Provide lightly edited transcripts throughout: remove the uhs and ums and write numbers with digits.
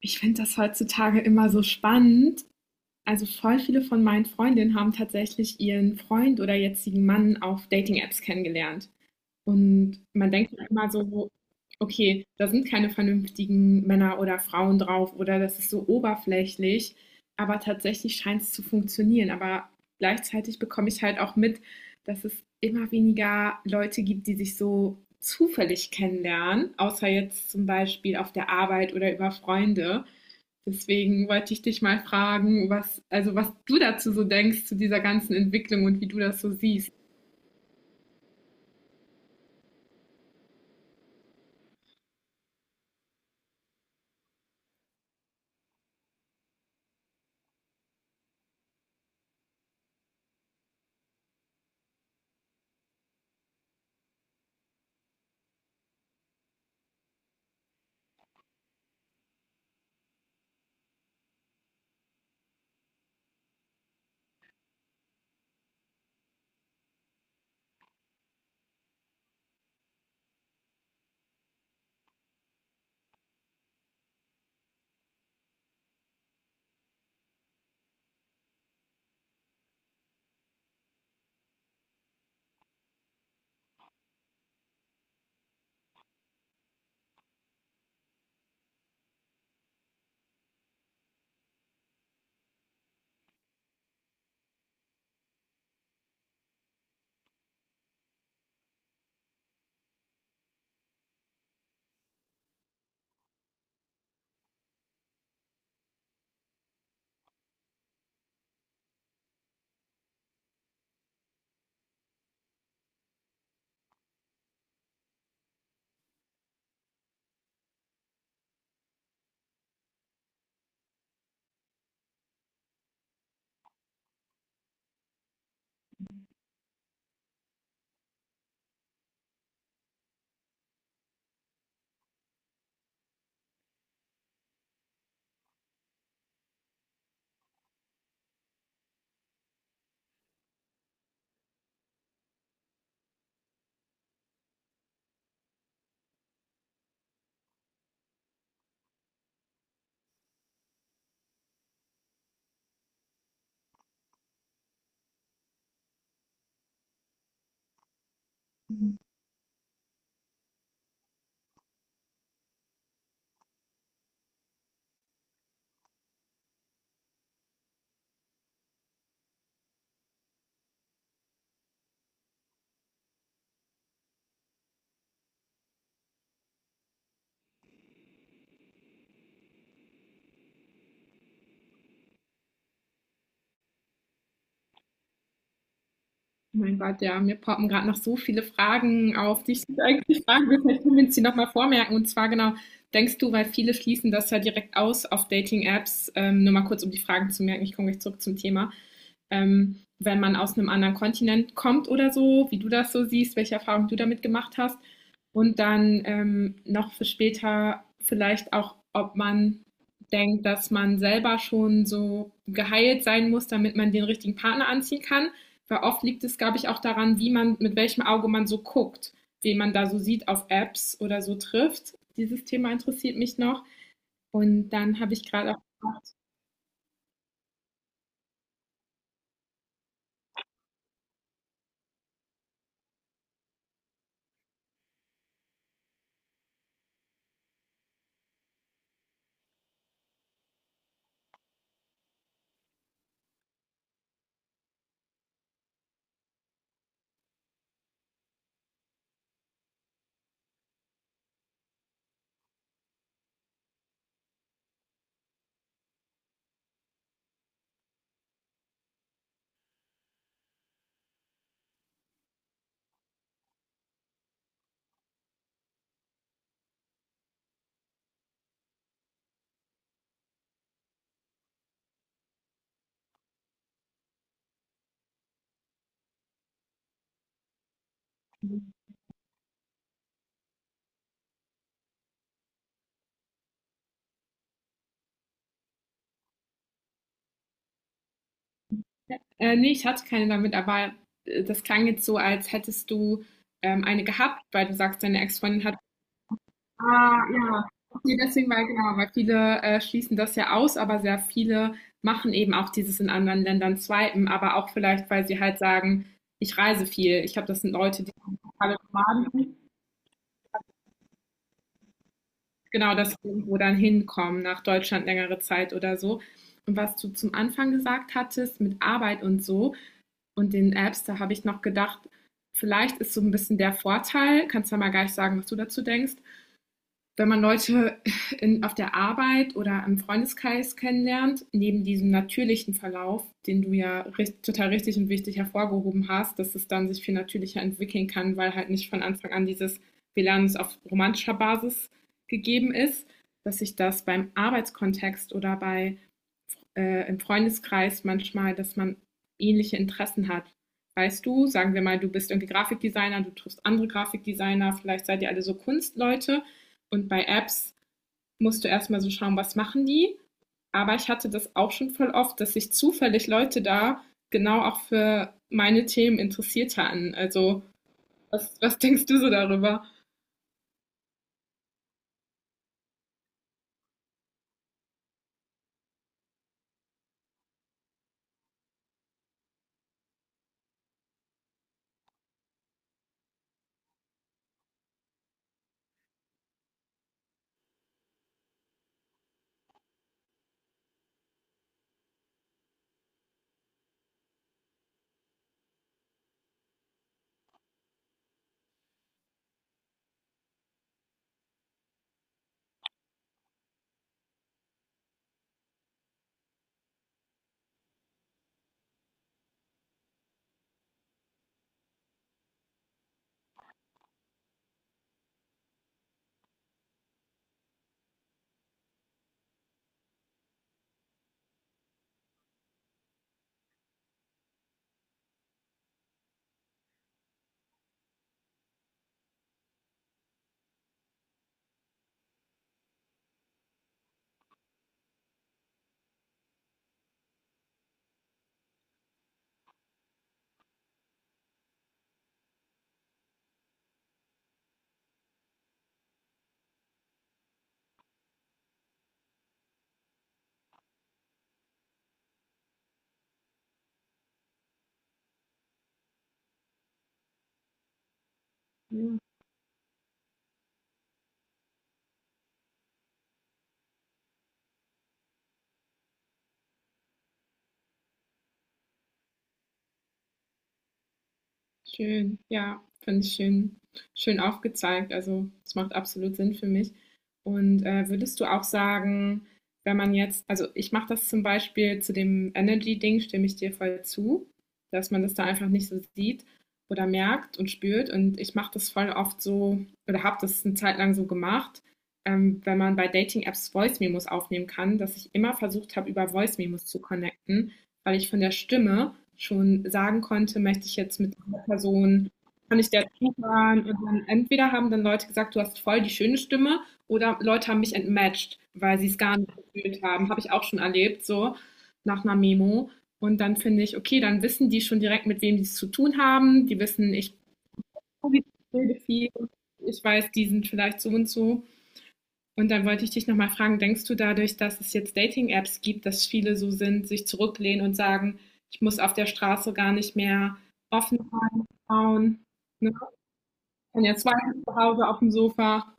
Ich finde das heutzutage immer so spannend. Also voll viele von meinen Freundinnen haben tatsächlich ihren Freund oder jetzigen Mann auf Dating-Apps kennengelernt. Und man denkt dann immer so, okay, da sind keine vernünftigen Männer oder Frauen drauf oder das ist so oberflächlich. Aber tatsächlich scheint es zu funktionieren. Aber gleichzeitig bekomme ich halt auch mit, dass es immer weniger Leute gibt, die sich so zufällig kennenlernen, außer jetzt zum Beispiel auf der Arbeit oder über Freunde. Deswegen wollte ich dich mal fragen, was, also was du dazu so denkst, zu dieser ganzen Entwicklung und wie du das so siehst. Mein Gott, ja, mir poppen gerade noch so viele Fragen auf, die ich eigentlich fragen will. Vielleicht können wir uns die nochmal vormerken. Und zwar genau, denkst du, weil viele schließen das ja direkt aus auf Dating-Apps, nur mal kurz, um die Fragen zu merken, ich komme gleich zurück zum Thema. Wenn man aus einem anderen Kontinent kommt oder so, wie du das so siehst, welche Erfahrungen du damit gemacht hast. Und dann noch für später vielleicht auch, ob man denkt, dass man selber schon so geheilt sein muss, damit man den richtigen Partner anziehen kann. Weil oft liegt es, glaube ich, auch daran, wie man, mit welchem Auge man so guckt, wen man da so sieht auf Apps oder so trifft. Dieses Thema interessiert mich noch. Und dann habe ich gerade auch gedacht. Nee, ich hatte keine damit, aber das klang jetzt so, als hättest du eine gehabt, weil du sagst, deine Ex-Freundin hat. Ah, ja. Okay, deswegen, weil genau, weil viele schließen das ja aus, aber sehr viele machen eben auch dieses in anderen Ländern swipen, aber auch vielleicht, weil sie halt sagen, ich reise viel. Ich glaube, das sind Leute, die digitale Nomaden sind. Genau, dass sie irgendwo dann hinkommen, nach Deutschland längere Zeit oder so. Und was du zum Anfang gesagt hattest mit Arbeit und so, und den Apps, da habe ich noch gedacht, vielleicht ist so ein bisschen der Vorteil, kannst du ja mal gleich sagen, was du dazu denkst, wenn man Leute in, auf der Arbeit oder im Freundeskreis kennenlernt, neben diesem natürlichen Verlauf, den du ja richt, total richtig und wichtig hervorgehoben hast, dass es dann sich viel natürlicher entwickeln kann, weil halt nicht von Anfang an dieses, wir lernen es auf romantischer Basis gegeben ist, dass sich das beim Arbeitskontext oder bei im Freundeskreis manchmal, dass man ähnliche Interessen hat. Weißt du, sagen wir mal, du bist irgendwie Grafikdesigner, du triffst andere Grafikdesigner, vielleicht seid ihr alle so Kunstleute und bei Apps musst du erstmal so schauen, was machen die. Aber ich hatte das auch schon voll oft, dass sich zufällig Leute da genau auch für meine Themen interessiert hatten. Also, was denkst du so darüber? Ja. Schön, ja, finde ich schön, schön aufgezeigt. Also, das macht absolut Sinn für mich. Und, würdest du auch sagen, wenn man jetzt also, ich mache das zum Beispiel, zu dem Energy-Ding stimme ich dir voll zu, dass man das da einfach nicht so sieht oder merkt und spürt. Und ich mache das voll oft so oder habe das 'ne Zeit lang so gemacht, wenn man bei Dating-Apps Voice Memos aufnehmen kann, dass ich immer versucht habe, über Voice Memos zu connecten, weil ich von der Stimme schon sagen konnte: „Möchte ich jetzt mit“ Person, kann ich der zuhören? Und dann entweder haben dann Leute gesagt, du hast voll die schöne Stimme, oder Leute haben mich entmatcht, weil sie es gar nicht gefühlt haben. Habe ich auch schon erlebt, so nach einer Memo. Und dann finde ich, okay, dann wissen die schon direkt, mit wem die es zu tun haben. Die wissen, ich bilde viel, ich weiß, die sind vielleicht so und so. Und dann wollte ich dich nochmal fragen, denkst du dadurch, dass es jetzt Dating-Apps gibt, dass viele so sind, sich zurücklehnen und sagen, ich muss auf der Straße gar nicht mehr offen sein, Frauen, ne? Ich kann ja zwei zu Hause auf dem Sofa.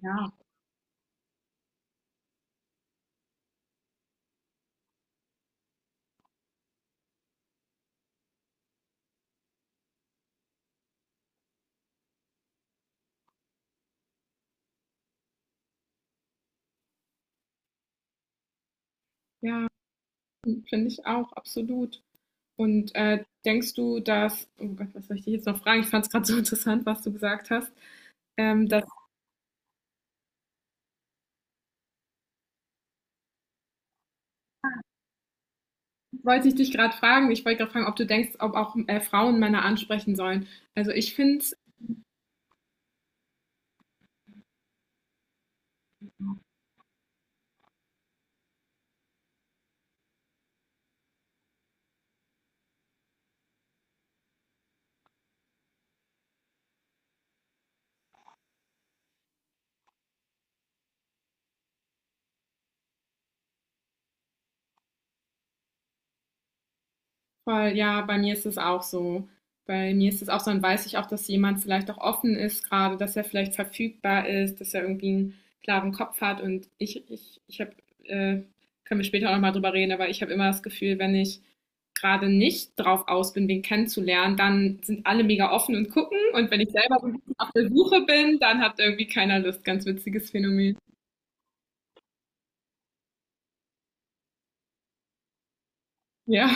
Ja, ja, finde ich auch, absolut. Und denkst du, dass, oh Gott, was soll ich dich jetzt noch fragen? Ich fand es gerade so interessant, was du gesagt hast. Das wollte ich dich gerade fragen. Ich wollte gerade fragen, ob du denkst, ob auch Frauen Männer ansprechen sollen. Also ich finde es voll, ja, bei mir ist es auch so. Bei mir ist es auch so, dann weiß ich auch, dass jemand vielleicht auch offen ist gerade, dass er vielleicht verfügbar ist, dass er irgendwie einen klaren Kopf hat. Und ich habe, äh, können wir später auch nochmal drüber reden, aber ich habe immer das Gefühl, wenn ich gerade nicht drauf aus bin, wen kennenzulernen, dann sind alle mega offen und gucken. Und wenn ich selber so ein bisschen auf der Suche bin, dann hat irgendwie keiner Lust. Ganz witziges Phänomen. Ja.